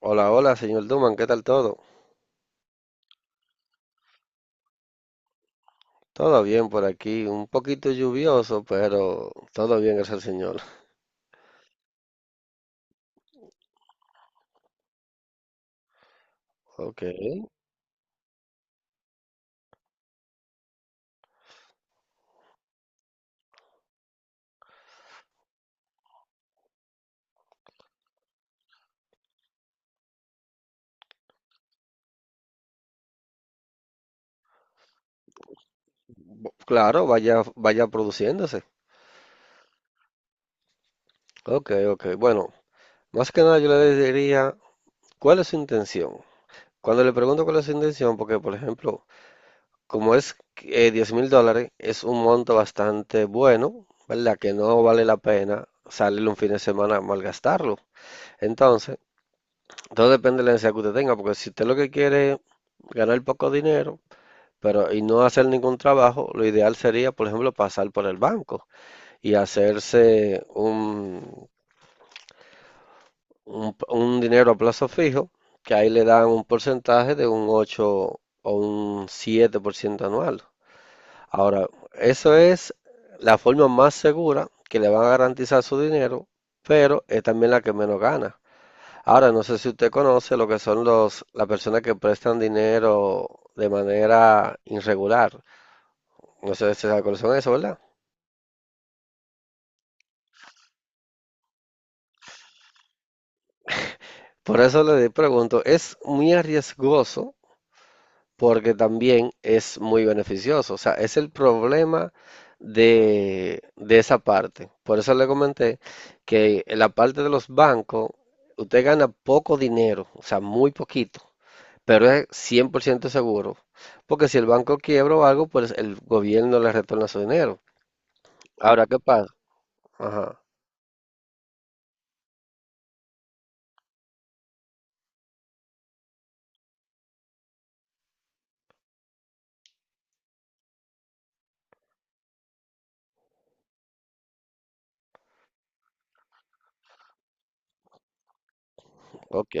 Hola, hola, señor Duman, ¿qué tal todo? Todo bien por aquí, un poquito lluvioso, pero todo bien, gracias al señor. Ok. Claro, vaya, vaya produciéndose. Ok, ok, bueno, más que nada yo le diría, ¿cuál es su intención? Cuando le pregunto cuál es su intención, porque por ejemplo, como es 10 mil dólares, es un monto bastante bueno, ¿verdad? Que no vale la pena salir un fin de semana a malgastarlo. Entonces, todo depende de la necesidad que usted tenga, porque si usted lo que quiere es ganar poco dinero, y no hacer ningún trabajo, lo ideal sería, por ejemplo, pasar por el banco y hacerse un dinero a plazo fijo, que ahí le dan un porcentaje de un 8 o un 7% anual. Ahora, eso es la forma más segura que le van a garantizar su dinero, pero es también la que menos gana. Ahora, no sé si usted conoce lo que son las personas que prestan dinero de manera irregular. No sé si sabe cuáles son eso, ¿verdad? Por eso le pregunto, es muy arriesgoso porque también es muy beneficioso. O sea, es el problema de esa parte. Por eso le comenté que en la parte de los bancos, usted gana poco dinero, o sea, muy poquito, pero es 100% seguro. Porque si el banco quiebra o algo, pues el gobierno le retorna su dinero. Ahora, ¿qué pasa? Ajá, ok.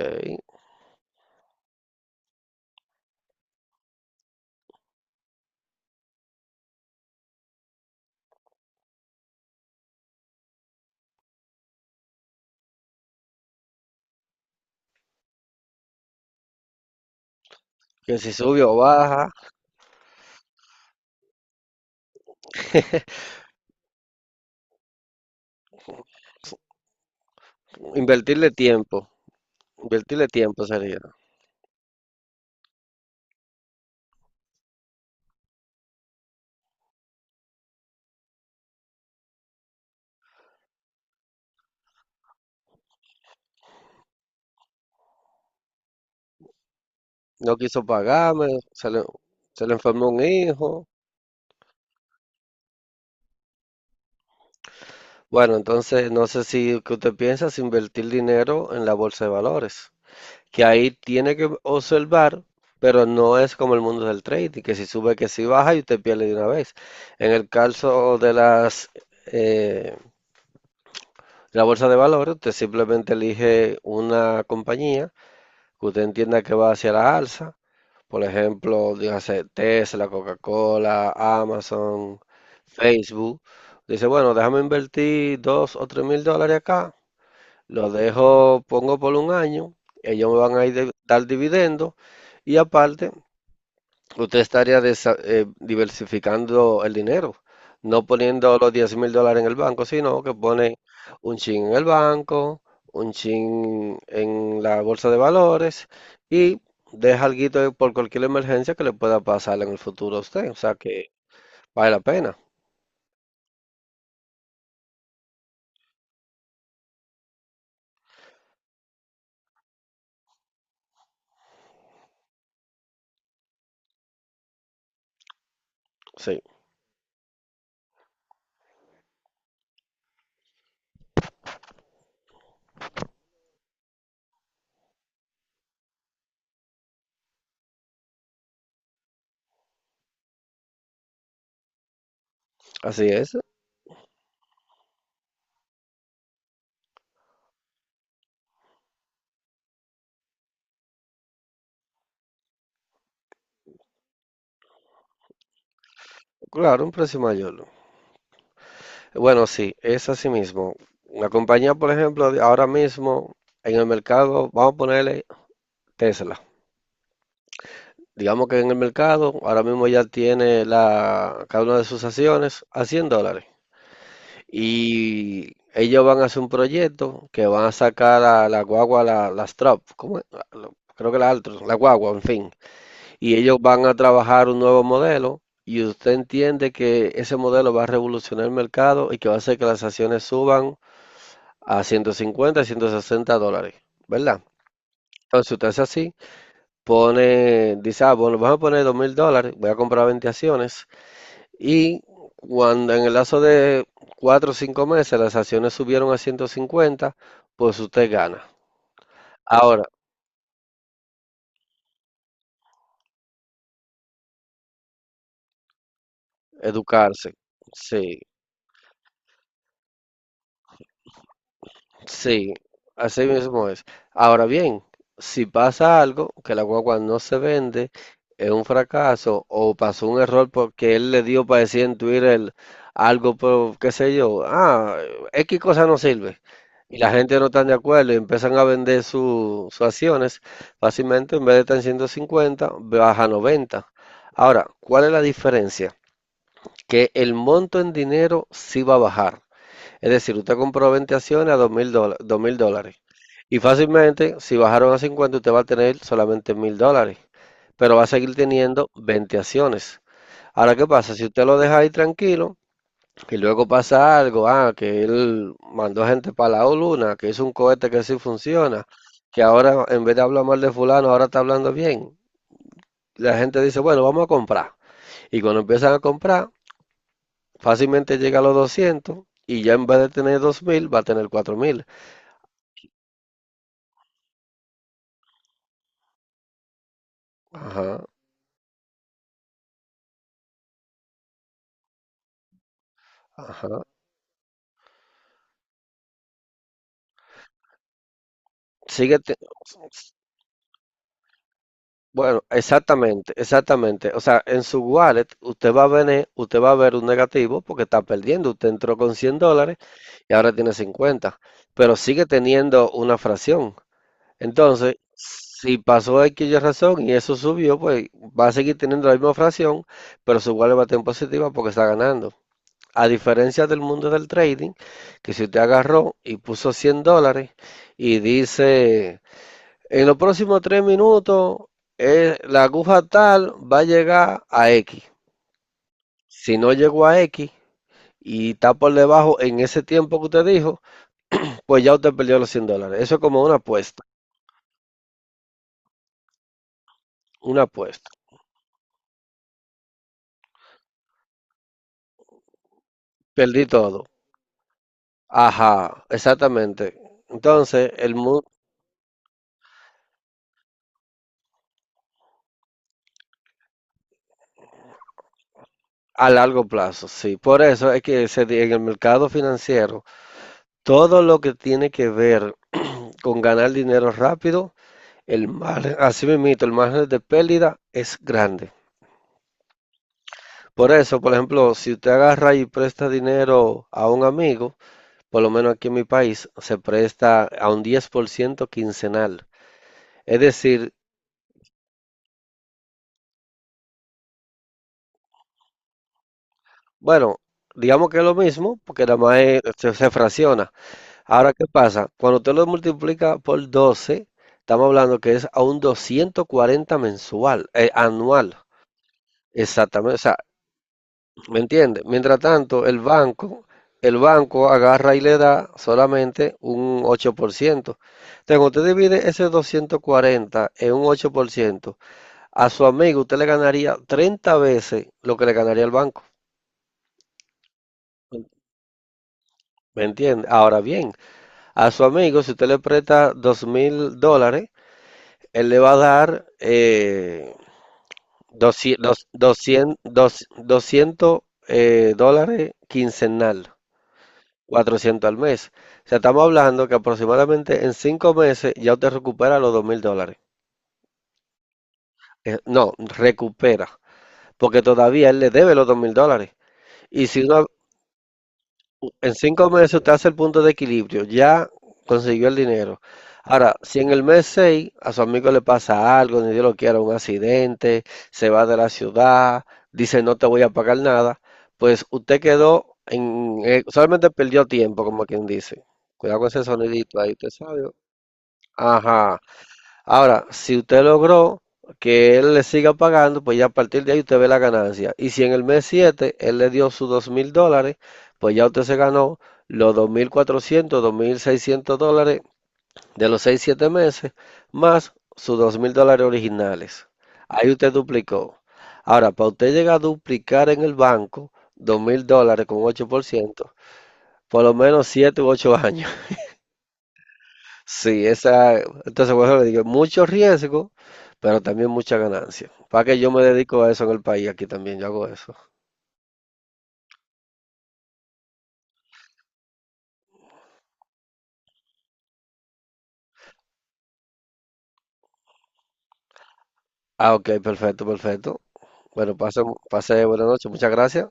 Que si sube o baja, invertirle tiempo, invertirle tiempo sería. No quiso pagarme, se le, se le enfermó un hijo. Bueno, entonces no sé si que usted piensa es invertir dinero en la bolsa de valores, que ahí tiene que observar, pero no es como el mundo del trading, que si sube, que si baja y usted pierde de una vez. En el caso de las eh, la bolsa de valores, usted simplemente elige una compañía que usted entienda que va hacia la alza. Por ejemplo, dígase Tesla, Coca-Cola, Amazon, Facebook, dice, bueno, déjame invertir dos o tres mil dólares acá, lo dejo, pongo por un año, ellos me van a dar dividendos y aparte, usted estaría diversificando el dinero, no poniendo los 10 mil dólares en el banco, sino que pone un chin en el banco, un chin en la bolsa de valores y deja algo por cualquier emergencia que le pueda pasar en el futuro a usted, o sea que vale la pena, sí, así es. Claro, un precio mayor. Bueno, sí, es así mismo. Una compañía, por ejemplo, ahora mismo en el mercado, vamos a ponerle Tesla. Digamos que en el mercado ahora mismo ya tiene cada una de sus acciones a 100 dólares. Y ellos van a hacer un proyecto que van a sacar a la guagua, las Trop, ¿cómo es? Creo que la Altros, la guagua, en fin. Y ellos van a trabajar un nuevo modelo y usted entiende que ese modelo va a revolucionar el mercado y que va a hacer que las acciones suban a 150, $160, ¿verdad? Entonces si usted hace así, pone, dice, ah, bueno, vamos a poner 2 mil dólares, voy a comprar 20 acciones y cuando en el lazo de 4 o 5 meses las acciones subieron a 150, pues usted gana. Ahora, educarse. Sí, sí, así mismo es. Ahora bien, si pasa algo, que la guagua no se vende, es un fracaso o pasó un error porque él le dio para decir en Twitter algo, pero, qué sé yo, ah, X cosa no sirve y la gente no está de acuerdo y empiezan a vender sus acciones, fácilmente en vez de estar en 150 baja a 90. Ahora, ¿cuál es la diferencia? Que el monto en dinero sí va a bajar, es decir, usted compró 20 acciones a 2000 dólares. Y fácilmente, si bajaron a 50, usted va a tener solamente 1000 dólares. Pero va a seguir teniendo 20 acciones. Ahora, ¿qué pasa? Si usted lo deja ahí tranquilo y luego pasa algo, ah, que él mandó gente para la luna, que hizo un cohete que sí funciona, que ahora en vez de hablar mal de fulano, ahora está hablando bien. La gente dice, bueno, vamos a comprar. Y cuando empiezan a comprar, fácilmente llega a los 200 y ya en vez de tener 2000, va a tener 4000. Ajá, ajá. Sigue, te- bueno, exactamente, exactamente. O sea, en su wallet usted va a ver un negativo porque está perdiendo. Usted entró con 100 dólares y ahora tiene cincuenta, pero sigue teniendo una fracción. Entonces, si pasó X y razón y eso subió, pues va a seguir teniendo la misma fracción, pero su wallet va a tener positiva porque está ganando. A diferencia del mundo del trading, que si usted agarró y puso 100 dólares y dice... En los próximos 3 minutos, la aguja tal va a llegar a X. Si no llegó a X y está por debajo en ese tiempo que usted dijo, pues ya usted perdió los 100 dólares. Eso es como una apuesta, una apuesta. Perdí todo. Ajá, exactamente. Entonces, a largo plazo, sí. Por eso es que en el mercado financiero, todo lo que tiene que ver con ganar dinero rápido, el margen, así mismo, el margen de pérdida es grande. Por eso, por ejemplo, si usted agarra y presta dinero a un amigo, por lo menos aquí en mi país, se presta a un 10% quincenal. Es decir, bueno, digamos que es lo mismo, porque nada más se fracciona. Ahora, ¿qué pasa? Cuando usted lo multiplica por 12, estamos hablando que es a un 240 mensual, anual. Exactamente, o sea, ¿me entiende? Mientras tanto, el banco agarra y le da solamente un 8%. Entonces, cuando usted divide ese 240 en un 8%, a su amigo usted le ganaría 30 veces lo que le ganaría el banco. ¿Me entiende? Ahora bien, a su amigo, si usted le presta 2 mil dólares, él le va a dar 200, 200, 200 dólares quincenal. 400 al mes. O sea, estamos hablando que aproximadamente en 5 meses ya usted recupera los dos mil dólares. No, recupera, porque todavía él le debe los dos mil dólares. Y si uno, en cinco meses usted hace el punto de equilibrio, ya consiguió el dinero. Ahora, si en el mes 6 a su amigo le pasa algo, ni Dios lo quiera, un accidente, se va de la ciudad, dice no te voy a pagar nada, pues usted quedó en, solamente perdió tiempo, como quien dice. Cuidado con ese sonidito ahí, usted sabe. Ajá. Ahora, si usted logró que él le siga pagando, pues ya a partir de ahí usted ve la ganancia. Y si en el mes 7 él le dio sus dos mil dólares, pues ya usted se ganó los dos mil cuatrocientos, dos mil seiscientos dólares de los seis siete meses, más sus dos mil dólares originales. Ahí usted duplicó. Ahora, para usted llegar a duplicar en el banco dos mil dólares con 8%, por lo menos 7 u 8 años. Sí, entonces por eso le digo, mucho riesgo, pero también mucha ganancia. Para que yo me dedico a eso en el país, aquí también yo hago eso. Ah, ok, perfecto, perfecto. Bueno, pase, pase buena noche, muchas gracias.